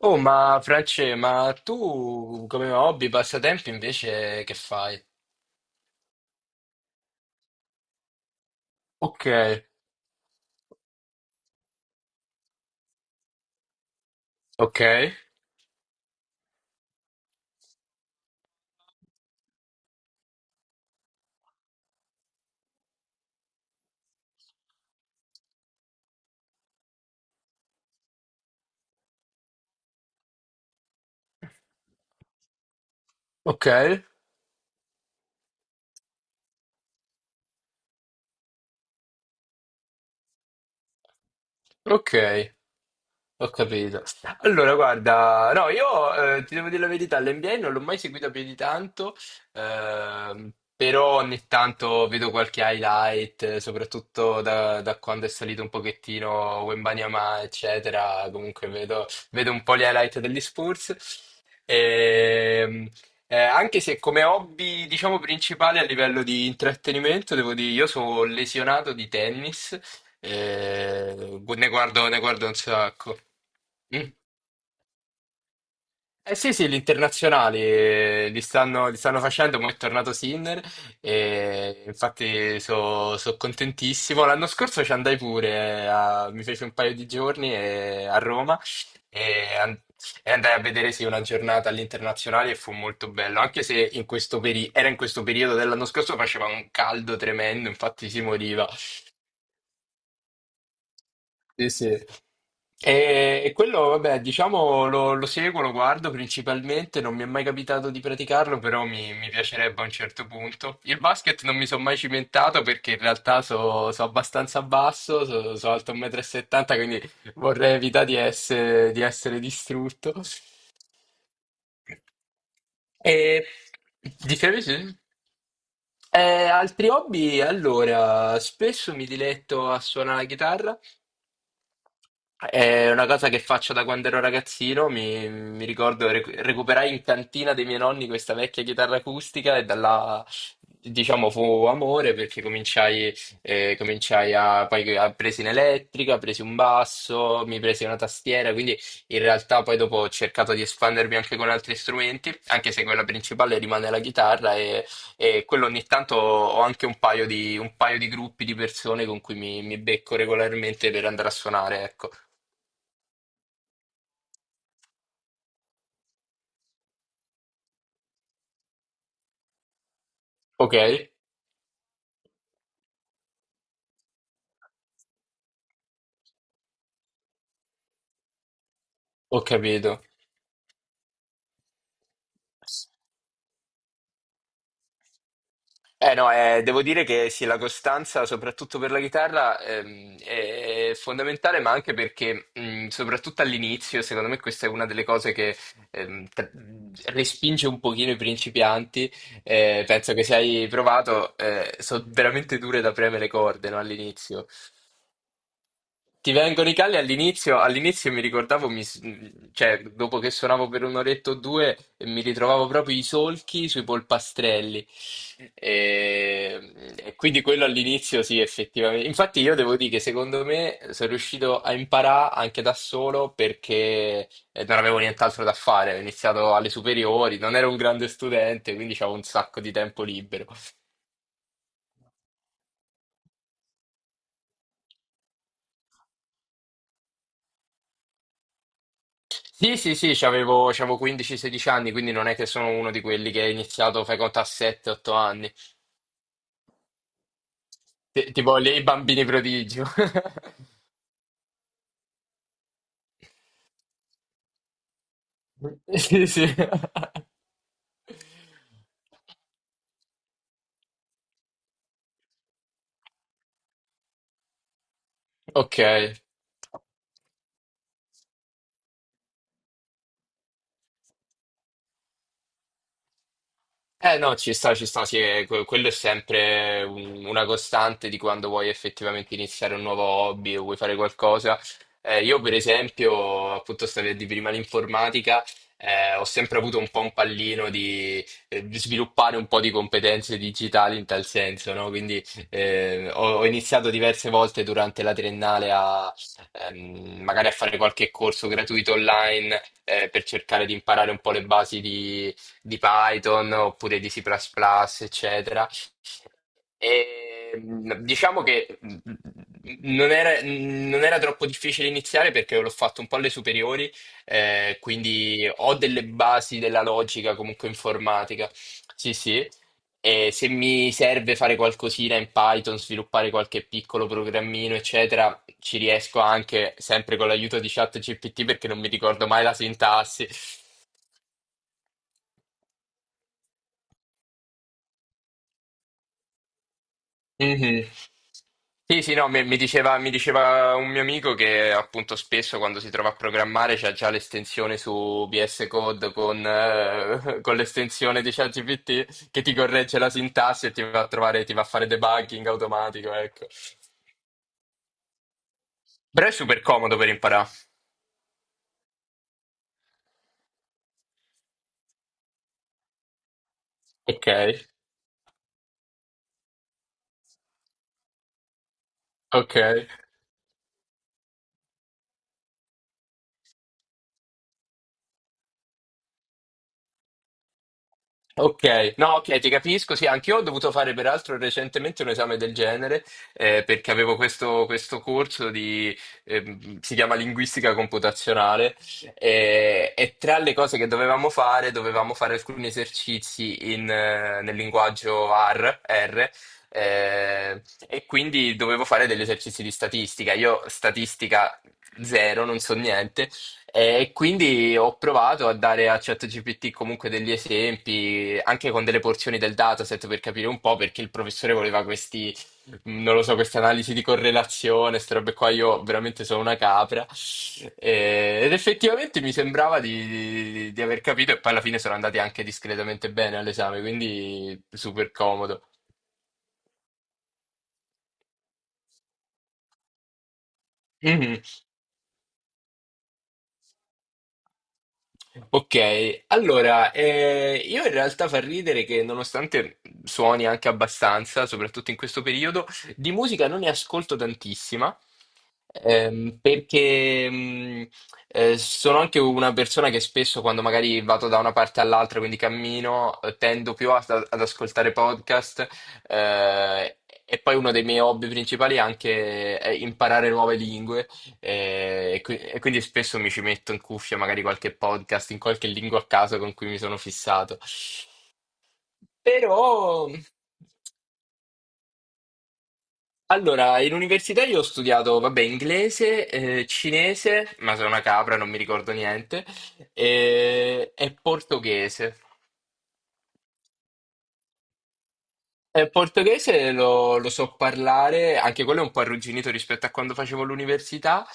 Oh, ma France, ma tu come hobby, passatempi invece che fai? Ok, ok, ok, ok, ho capito. Allora, guarda, no, io ti devo dire la verità, l'NBA non l'ho mai seguito più di tanto. ehm, Però ogni tanto vedo qualche highlight, soprattutto da quando è salito un pochettino Wembanyama, eccetera, comunque vedo un po' gli highlight degli Spurs. Ehm, Anche se come hobby, diciamo, principale a livello di intrattenimento, devo dire, io sono lesionato di tennis, ne guardo un sacco. Mm. Eh sì, sì, gli internazionali li stanno facendo, ma è tornato Sinner e infatti sono contentissimo. L'anno scorso ci andai pure, mi fece un paio di giorni a Roma e, an- e andai a vedere, sì, una giornata all'internazionale e fu molto bello, anche se era in questo periodo dell'anno scorso faceva un caldo tremendo, infatti si moriva. Sì, sì. E quello, vabbè, diciamo lo seguo, lo guardo principalmente, non mi è mai capitato di praticarlo, però mi piacerebbe a un certo punto. Il basket non mi sono mai cimentato perché in realtà sono abbastanza basso, sono alto 1,70 m, quindi vorrei evitare di essere distrutto. E dicevi, sì? Eh, Altri hobby? Allora, spesso mi diletto a suonare la chitarra. È una cosa che faccio da quando ero ragazzino, mi ricordo recuperai in cantina dei miei nonni questa vecchia chitarra acustica e da là, diciamo, fu amore perché cominciai a, poi a presi in elettrica, presi un basso, mi presi una tastiera, quindi in realtà poi dopo ho cercato di espandermi anche con altri strumenti, anche se quella principale rimane la chitarra, e quello ogni tanto ho anche un paio di gruppi di persone con cui mi becco regolarmente per andare a suonare, ecco. Ok, ho capito. Eh no, devo dire che sì, la costanza, soprattutto per la chitarra, è fondamentale, ma anche perché, soprattutto all'inizio, secondo me questa è una delle cose che ehm, tra- respinge un pochino i principianti. Penso che se hai provato, sono veramente dure da premere le corde, no, all'inizio. Ti vengono i calli all'inizio. All'inizio mi ricordavo, cioè dopo che suonavo per un'oretta o due, mi ritrovavo proprio i solchi sui polpastrelli. E, e quindi quello all'inizio, sì, effettivamente. Infatti io devo dire che secondo me sono riuscito a imparare anche da solo perché non avevo nient'altro da fare. Ho iniziato alle superiori, non ero un grande studente, quindi avevo un sacco di tempo libero. Sì, sì, sì, c'avevo 15-16 anni, quindi non è che sono uno di quelli che ha iniziato, fai conto, a 7-8 anni. Tipo lì i bambini prodigio. Sì, sì. Ok. Eh no, ci sta, sì, quello è sempre una costante di quando vuoi effettivamente iniziare un nuovo hobby o vuoi fare qualcosa. Io per esempio, appunto, stavi a dire prima l'informatica, ho, sempre avuto un po' un pallino di sviluppare un po' di competenze digitali in tal senso, no? Quindi ho iniziato diverse volte durante la triennale a, magari a fare qualche corso gratuito online, per cercare di imparare un po' le basi di Python oppure di C++, plus plus, eccetera. E diciamo che, non era troppo difficile iniziare perché l'ho fatto un po' alle superiori, quindi ho delle basi della logica comunque informatica. Sì, sì. E se mi serve fare qualcosina in Python, sviluppare qualche piccolo programmino, eccetera, ci riesco anche sempre con l'aiuto di ChatGPT perché non mi ricordo mai la sintassi. Mhm. Sì, sì, no, mi diceva un mio amico che appunto spesso quando si trova a programmare c'ha già l'estensione su VS Code con, con l'estensione di ChatGPT che ti corregge la sintassi e ti va a trovare, ti va a fare debugging automatico, ecco. Però è super comodo per imparare. Ok, ok. Ok, no, ok, ti capisco. Sì, anch'io ho dovuto fare peraltro recentemente un esame del genere, perché avevo questo corso di, si chiama Linguistica Computazionale, e tra le cose che dovevamo fare alcuni esercizi in, nel linguaggio R, eh, e quindi dovevo fare degli esercizi di statistica. Io statistica zero, non so niente. E quindi ho provato a dare a ChatGPT comunque degli esempi, anche con delle porzioni del dataset per capire un po' perché il professore voleva questi, non lo so, queste analisi di correlazione, queste robe qua. Io veramente sono una capra. Ed effettivamente mi sembrava di aver capito, e poi alla fine sono andati anche discretamente bene all'esame, quindi super comodo. Mhm. Ok, allora, io in realtà fa ridere che nonostante suoni anche abbastanza, soprattutto in questo periodo, di musica non ne ascolto tantissima. Perché, sono anche una persona che spesso quando magari vado da una parte all'altra, quindi cammino, tendo più ad ascoltare podcast. eh, e poi uno dei miei hobby principali è anche, imparare nuove lingue. E quindi spesso mi ci metto in cuffia magari qualche podcast in qualche lingua a caso con cui mi sono fissato. Però. Allora, in università io ho studiato, vabbè, inglese, cinese, ma sono una capra, non mi ricordo niente, e portoghese. E portoghese lo so parlare, anche quello è un po' arrugginito rispetto a quando facevo l'università,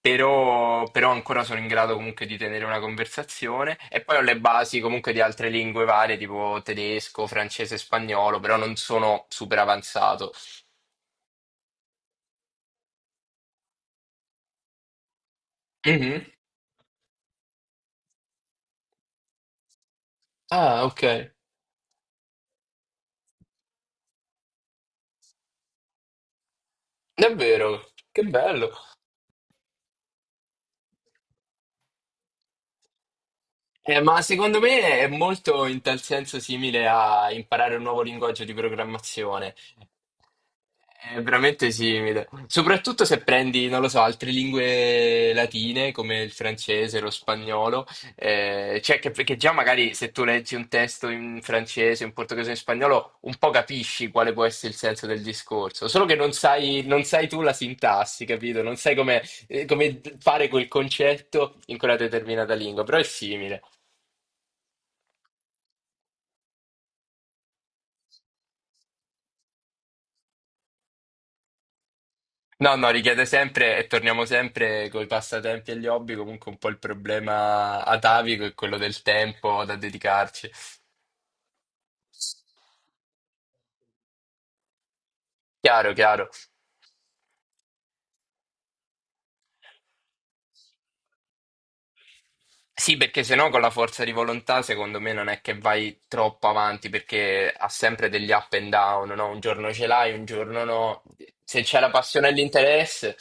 però ancora sono in grado comunque di tenere una conversazione. E poi ho le basi comunque di altre lingue varie, tipo tedesco, francese, spagnolo, però non sono super avanzato. Mhm. Ah, ok. Davvero? Che bello. Ma secondo me è molto in tal senso simile a imparare un nuovo linguaggio di programmazione. È veramente simile. Soprattutto se prendi, non lo so, altre lingue latine come il francese, lo spagnolo, cioè che già magari se tu leggi un testo in francese, in portoghese, in spagnolo, un po' capisci quale può essere il senso del discorso, solo che non sai tu la sintassi, capito? Non sai come fare quel concetto in quella determinata lingua, però è simile. No, no, richiede sempre, e torniamo sempre con i passatempi e gli hobby, comunque un po' il problema atavico è quello del tempo da dedicarci. Chiaro, chiaro. Sì, perché se no con la forza di volontà secondo me non è che vai troppo avanti, perché ha sempre degli up and down, no? Un giorno ce l'hai, un giorno no. Se c'è la passione e l'interesse.